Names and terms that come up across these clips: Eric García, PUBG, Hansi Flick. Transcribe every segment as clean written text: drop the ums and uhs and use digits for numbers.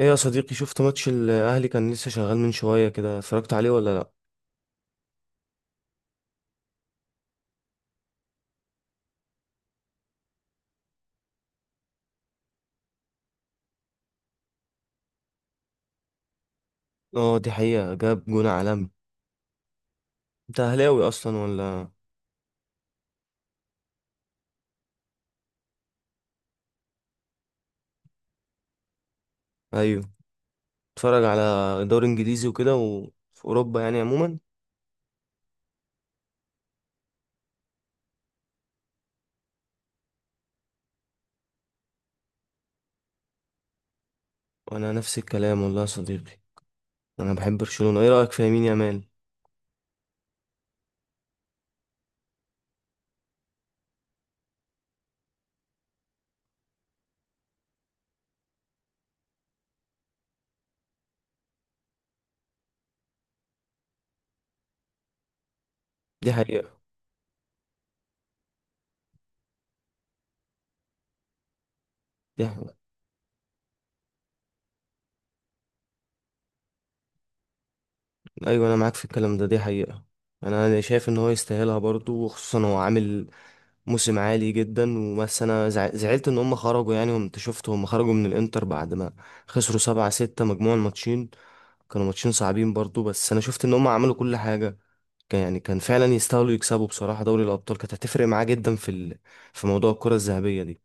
ايه يا صديقي، شفت ماتش الاهلي؟ كان لسه شغال من شويه كده. اتفرجت عليه ولا لا؟ اه دي حقيقه، جاب جون عالمي. انت اهلاوي اصلا ولا؟ ايوه، اتفرج على دوري انجليزي وكده، وفي اوروبا يعني عموما. وانا نفس الكلام والله يا صديقي، انا بحب برشلونه. ايه رايك في يمين يامال؟ دي حقيقه. دي حقيقة. ايوه انا معاك في الكلام ده، دي حقيقه. انا شايف ان هو يستاهلها برضو، وخصوصا هو عامل موسم عالي جدا. وبس انا زعلت ان هم خرجوا يعني، وانت شفت هم خرجوا من الانتر بعد ما خسروا 7-6 مجموع الماتشين. كانوا ماتشين صعبين برضو، بس انا شفت ان هم عملوا كل حاجة. كان يعني كان فعلا يستاهلوا يكسبوا. بصراحة دوري الابطال كانت هتفرق معاه جدا في ال... في موضوع الكرة الذهبية دي.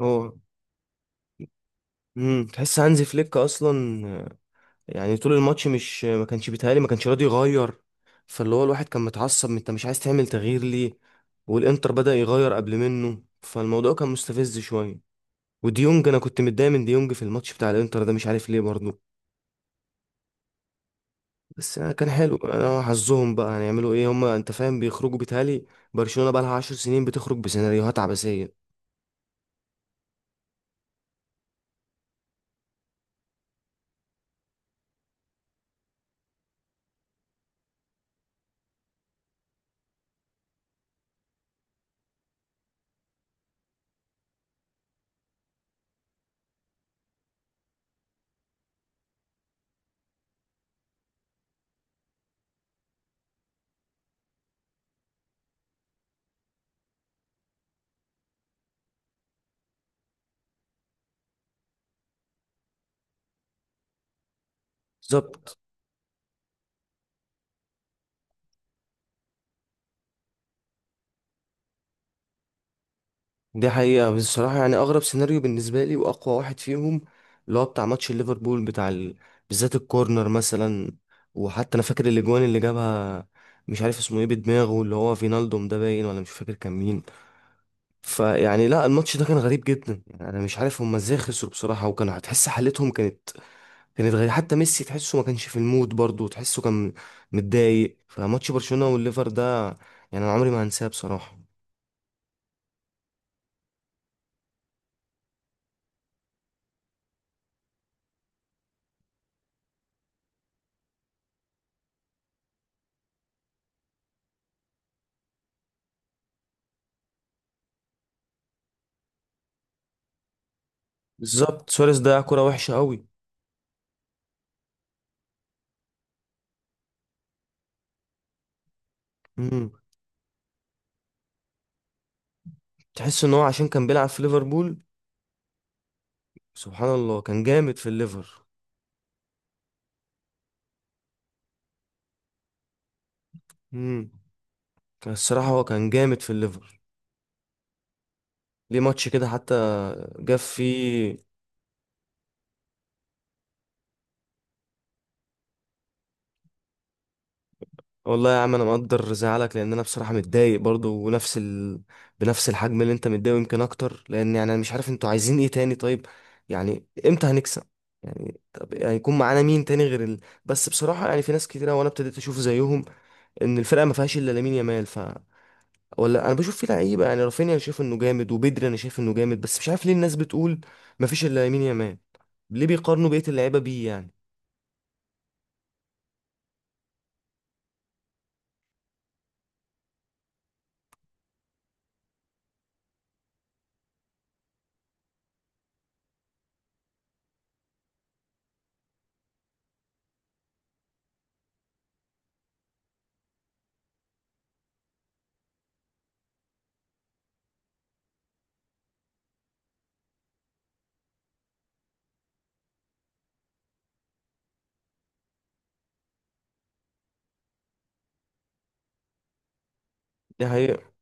هو تحس هانزي فليك اصلا يعني طول الماتش مش ما كانش بيتهيألي ما كانش راضي يغير. فاللي هو الواحد كان متعصب، انت مش عايز تعمل تغيير ليه؟ والانتر بدأ يغير قبل منه، فالموضوع كان مستفز شوية. وديونج، انا كنت متضايق من ديونج في الماتش بتاع الانتر ده، مش عارف ليه برضه. بس أنا كان حلو، انا حظهم بقى هنعملوا ايه هما؟ انت فاهم، بيخرجوا بيتهيألي. برشلونة بقى لها 10 سنين بتخرج بسيناريوهات عبثية. بالظبط. دي حقيقة بس الصراحة يعني أغرب سيناريو بالنسبة لي وأقوى واحد فيهم اللي هو بتاع ماتش ليفربول بتاع ال... بالذات الكورنر مثلا. وحتى أنا فاكر الأجوان اللي جابها، مش عارف اسمه ايه، بدماغه اللي هو فينالدوم ده، باين ولا مش فاكر كان مين. فيعني لا الماتش ده كان غريب جدا. يعني أنا مش عارف هما ازاي خسروا بصراحة، وكانوا هتحس حالتهم كانت كانت غريبة. حتى ميسي تحسه ما كانش في المود برضه، تحسه كان متضايق. فماتش برشلونة والليفر ده يعني أنا عمري ما هنساه بصراحة. بالظبط، سواريز ضيع كرة وحشة قوي. تحس ان هو عشان كان بيلعب في ليفربول، سبحان الله كان جامد في الليفر. امم كان الصراحه هو كان جامد في الليفر. ليه ماتش كده حتى جاب فيه. والله يا عم انا مقدر زعلك، لان انا بصراحه متضايق برضو ونفس ال... بنفس الحجم اللي انت متضايق، يمكن اكتر. لان يعني انا مش عارف انتوا عايزين ايه تاني؟ طيب يعني امتى هنكسب؟ يعني طب هيكون معانا مين تاني غير ال...؟ بس بصراحه يعني في ناس كتيره وانا ابتديت اشوف زيهم، ان الفرقه ما فيهاش الا لامين يامال. ف ولا انا بشوف فيه لعيبه يعني. رافينيا انا شايف انه جامد، وبدري انا شايف انه جامد. بس مش عارف ليه الناس بتقول مفيش الا يمين يامال. ليه بيقارنوا بقيه اللعيبه بيه يعني؟ ده حقيقة.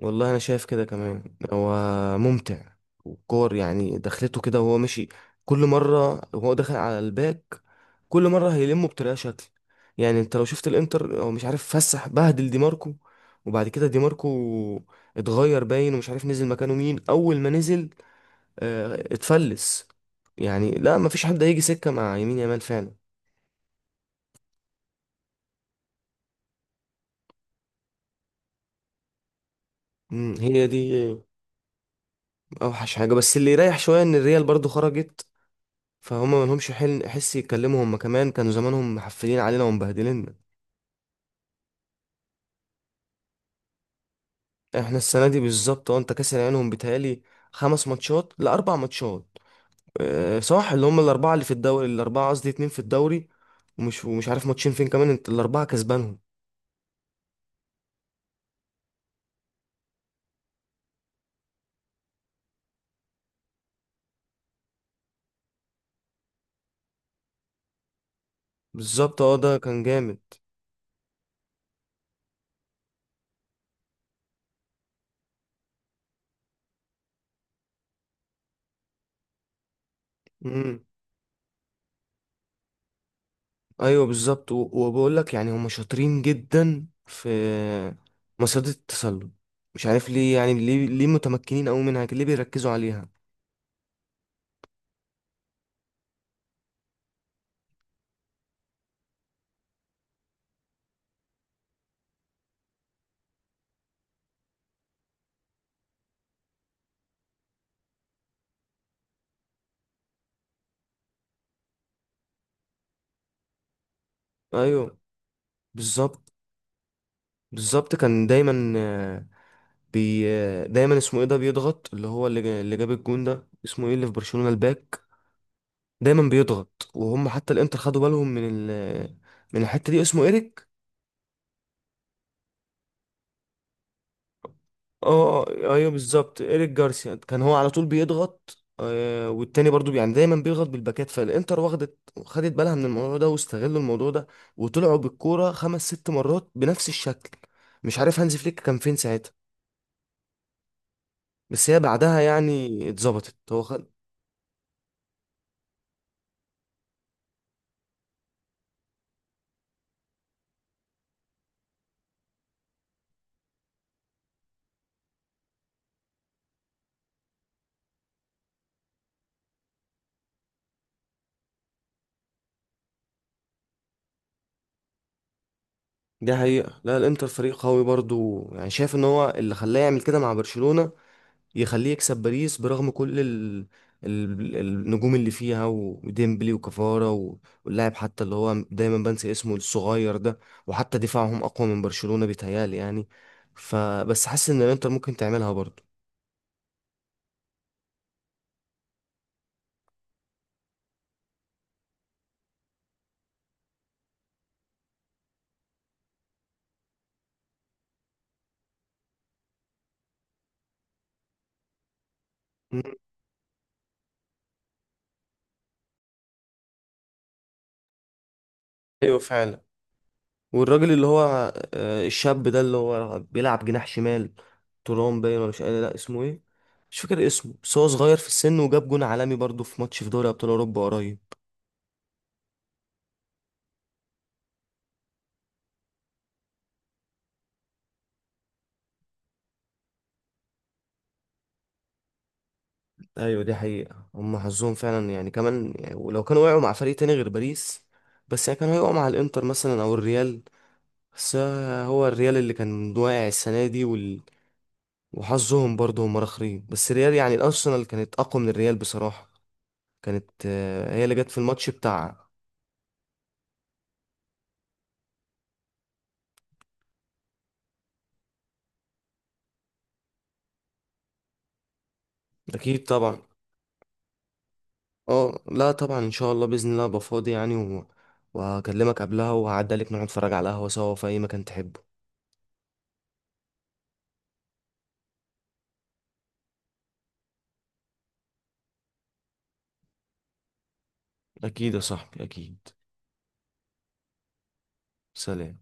والله انا شايف كده كمان، هو ممتع. وكور يعني، دخلته كده وهو ماشي. كل مره وهو داخل على الباك، كل مره هيلمه بطريقه شكل. يعني انت لو شفت الانتر، هو مش عارف فسح بهدل دي ماركو. وبعد كده دي ماركو اتغير باين، ومش عارف نزل مكانه مين. اول ما نزل اتفلس. يعني لا، مفيش حد هيجي سكة مع يمين يامال فعلا. هي دي اوحش حاجة. بس اللي يريح شوية ان الريال برضو خرجت، فهم ما لهمش حل حس يتكلموا. هم كمان كانوا زمانهم محفلين علينا ومبهدلين. احنا السنة دي بالظبط، اه انت كاسر عينهم بيتهيألي. 5-4 ماتشات. اه صح، اللي هم الأربعة اللي في الدوري، الأربعة قصدي اتنين في الدوري، ومش عارف ماتشين فين كمان. انت الأربعة كسبانهم. بالظبط، اه ده كان جامد. مم. ايوه بالظبط. وبقول لك يعني هم شاطرين جدا في مصيدة التسلل. مش عارف ليه يعني، ليه متمكنين قوي منها كده، ليه بيركزوا عليها؟ ايوه بالظبط. بالظبط كان دايما بي دايما اسمه ايه ده بيضغط. اللي هو اللي جاب الجون ده اسمه ايه اللي في برشلونة الباك، دايما بيضغط. وهم حتى الانتر خدوا بالهم من ال من الحتة دي. اسمه ايريك. اه ايوه بالظبط، ايريك جارسيا كان هو على طول بيضغط والتاني برضو يعني دايما بيضغط بالباكات. فالانتر واخدت، خدت بالها من الموضوع ده واستغلوا الموضوع ده، وطلعوا بالكوره خمس ست مرات بنفس الشكل. مش عارف هانزي فليك كان فين ساعتها. بس هي بعدها يعني اتظبطت، هو خد. دي حقيقة، لا الانتر فريق قوي برضو يعني. شايف ان هو اللي خلاه يعمل كده مع برشلونة، يخليه يكسب باريس برغم كل ال... ال... النجوم اللي فيها، وديمبلي وكفارة و- واللاعب حتى اللي هو دايما بنسى اسمه الصغير ده. وحتى دفاعهم أقوى من برشلونة بيتهيألي يعني. فبس حاسس إن الإنتر ممكن تعملها برضه. مم. ايوه فعلا. والراجل اللي هو الشاب ده اللي هو بيلعب جناح شمال، تورام باين ولا مش قادر، لا اسمه ايه مش فاكر اسمه. بس هو صغير في السن وجاب جون عالمي برضه في ماتش في دوري ابطال اوروبا قريب. ايوه دي حقيقة. هم حظهم فعلا يعني كمان يعني، ولو كانوا وقعوا مع فريق تاني غير باريس، بس يعني كانوا هيقعوا مع الانتر مثلا او الريال. بس هو الريال اللي كان واقع السنة دي وال... وحظهم برضه هم راخرين. بس الريال يعني الارسنال كانت اقوى من الريال بصراحة. كانت هي اللي جت في الماتش بتاع. اكيد طبعا. اه لا طبعا ان شاء الله، باذن الله ابقى فاضي يعني و... وهكلمك قبلها وهعدي عليك، نقعد نتفرج على القهوة سوا في اي مكان تحبه. اكيد يا صاحبي اكيد. سلام.